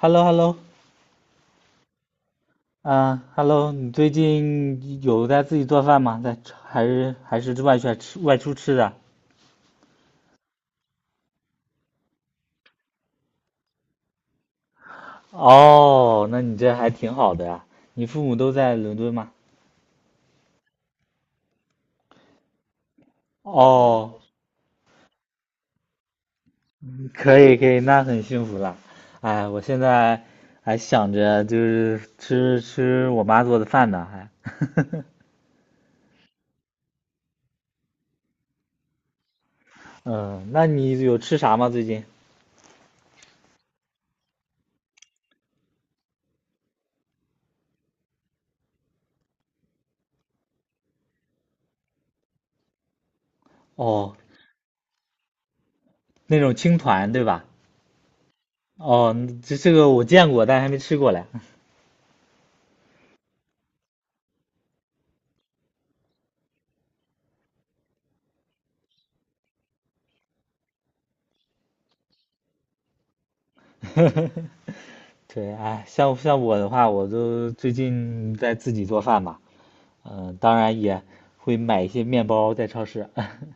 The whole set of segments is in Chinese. h e l l o h e l l o 啊，Hello，你最近有在自己做饭吗？在吃还是外出吃的？哦，那你这还挺好的呀。你父母都在伦敦吗？哦，可以，那很幸福了。哎，我现在还想着就是吃我妈做的饭呢，还。嗯，那你有吃啥吗？最近？哦，那种青团对吧？哦，这个我见过，但还没吃过嘞。对，哎，像我的话，我都最近在自己做饭嘛，嗯、当然也会买一些面包在超市。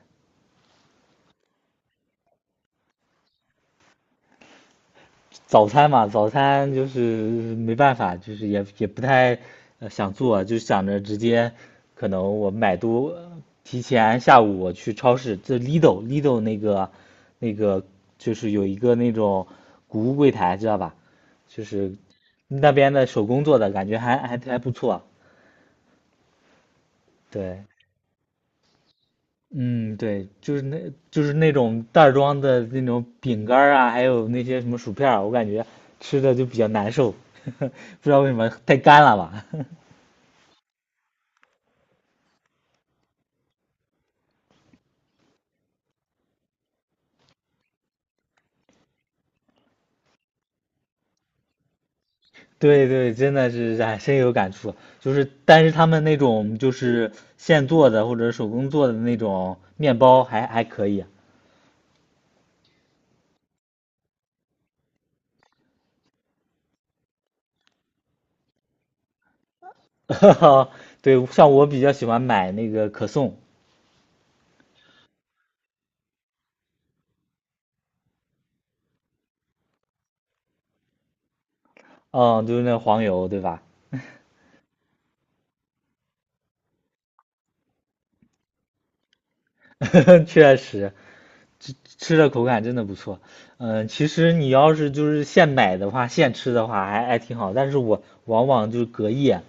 早餐嘛，早餐就是没办法，就是也不太想做，就想着直接可能我买多，提前下午我去超市，这 Lidl 那个就是有一个那种谷物柜台，知道吧？就是那边的手工做的，感觉还不错。对，嗯，对，就是那种袋装的那种饼干儿啊，还有那些什么薯片儿，我感觉吃的就比较难受，不知道为什么太干了吧？对对，真的是哎，深有感触。就是，但是他们那种就是现做的或者手工做的那种面包还可以啊。对，像我比较喜欢买那个可颂，嗯，就是那黄油，对吧？确实，吃的口感真的不错。嗯，其实你要是就是现买的话，现吃的话还挺好，但是我往往就是隔夜，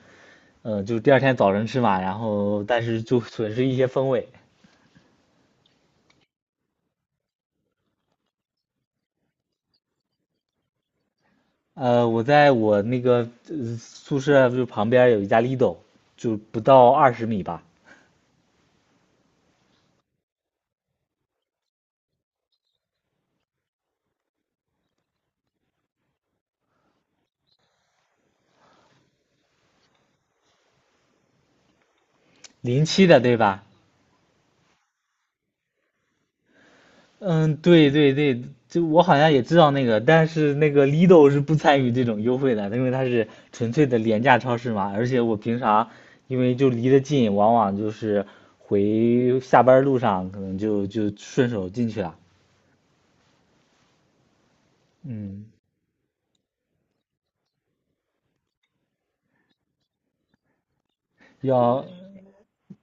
嗯，就是第二天早晨吃嘛，然后但是就损失一些风味。呃，我在我那个、呃宿舍就旁边有一家 Lidl，就不到20米吧，07的对吧？嗯，对，就我好像也知道那个，但是那个 Lidl 是不参与这种优惠的，因为它是纯粹的廉价超市嘛。而且我平常因为就离得近，往往就是回下班路上可能就顺手进去了。嗯，要，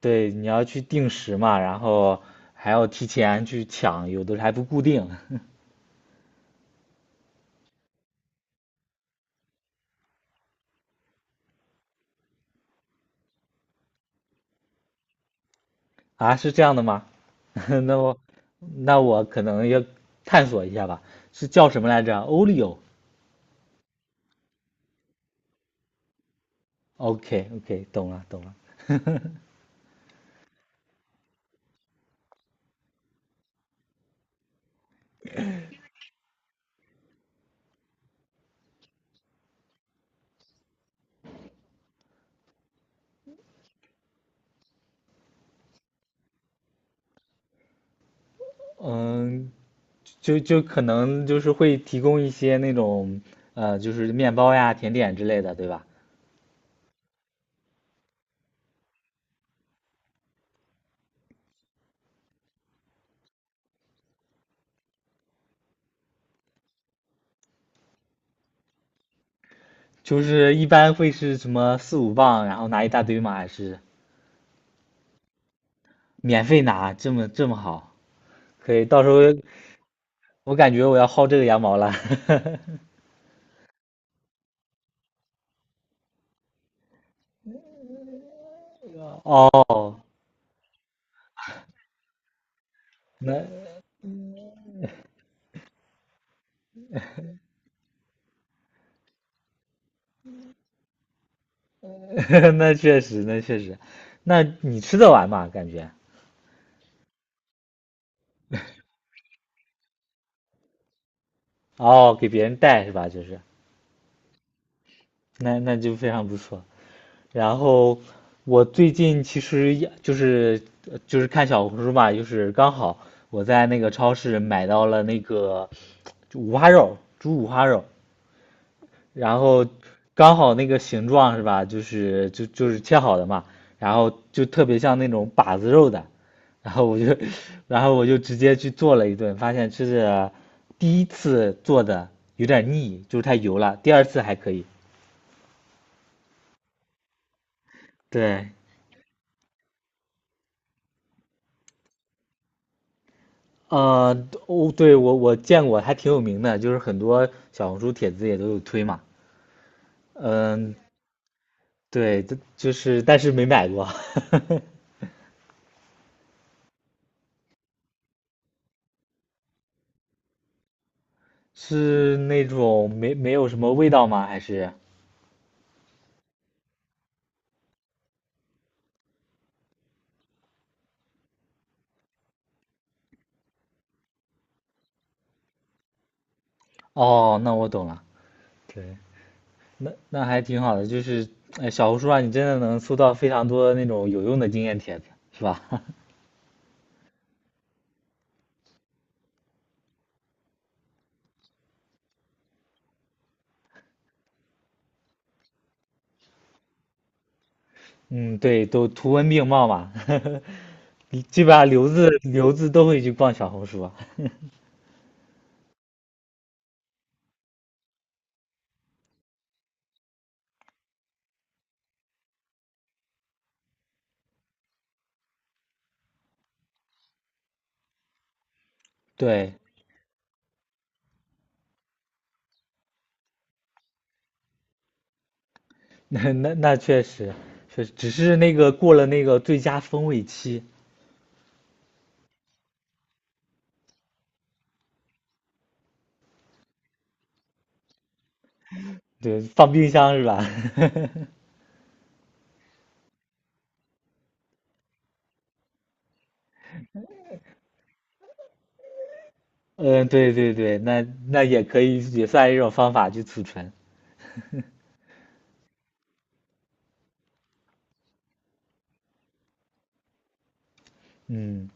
对，你要去定时嘛，然后还要提前去抢，有的还不固定。啊，是这样的吗？那我那我可能要探索一下吧，是叫什么来着？Olio。OK OK，懂了，嗯，就可能就是会提供一些那种就是面包呀、甜点之类的，对吧？就是一般会是什么4、5磅，然后拿一大堆吗？还是免费拿？这么好？可以，到时候我感觉我要薅这个羊毛了。哦，那 那确实，那你吃得完吗？感觉哦，给别人带是吧？就是，那那就非常不错。然后我最近其实也就是就是看小红书嘛，就是刚好我在那个超市买到了那个就五花肉，猪五花肉，然后刚好那个形状是吧，就是就是切好的嘛，然后就特别像那种把子肉的，然后我就 然后我就直接去做了一顿，发现吃着第一次做的有点腻，就是太油了，第二次还可以，对。啊，哦，对，我见过，还挺有名的，就是很多小红书帖子也都有推嘛。嗯，对，这就是但是没买过，是那种没有什么味道吗？还是？哦，那我懂了。对，那那还挺好的，就是哎，小红书上你真的能搜到非常多那种有用的经验帖子，是吧？嗯，对，都图文并茂嘛，基本上留子都会去逛小红书啊。对，那确实，确实只是那个过了那个最佳风味期，对，放冰箱是吧？嗯，对，那那也可以，也算一种方法去储存。嗯，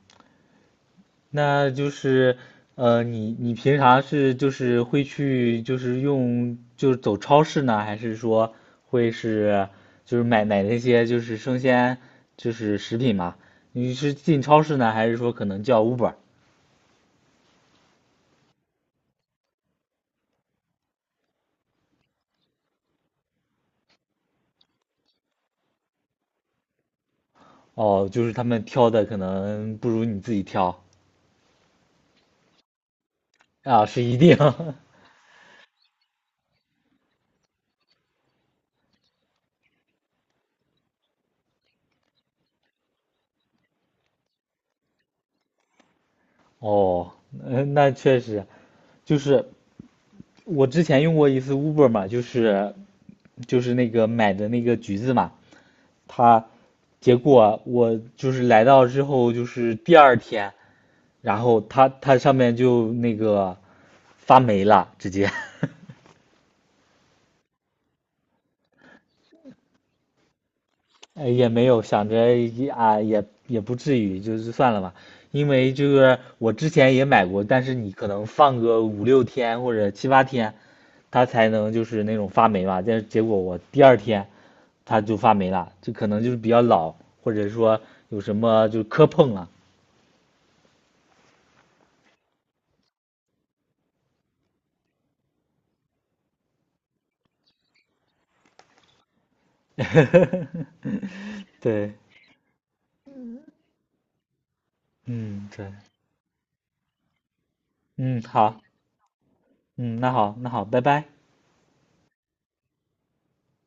那就是你你平常是就是会去就是用就是走超市呢，还是说会是就是买那些就是生鲜就是食品嘛？你是进超市呢，还是说可能叫 Uber？哦，就是他们挑的可能不如你自己挑。啊，是一定。哦，嗯，那确实，就是我之前用过一次 Uber 嘛，就是就是那个买的那个橘子嘛，它结果我就是来到之后，就是第二天，然后它上面就那个发霉了，直接。呃，也没有想着也啊，也不至于，就是算了吧。因为就是我之前也买过，但是你可能放个5、6天或者7、8天，它才能就是那种发霉嘛。但是结果我第二天它就发霉了，就可能就是比较老，或者说有什么就磕碰了。对，嗯，对，嗯，好，嗯，那好，那好，拜拜。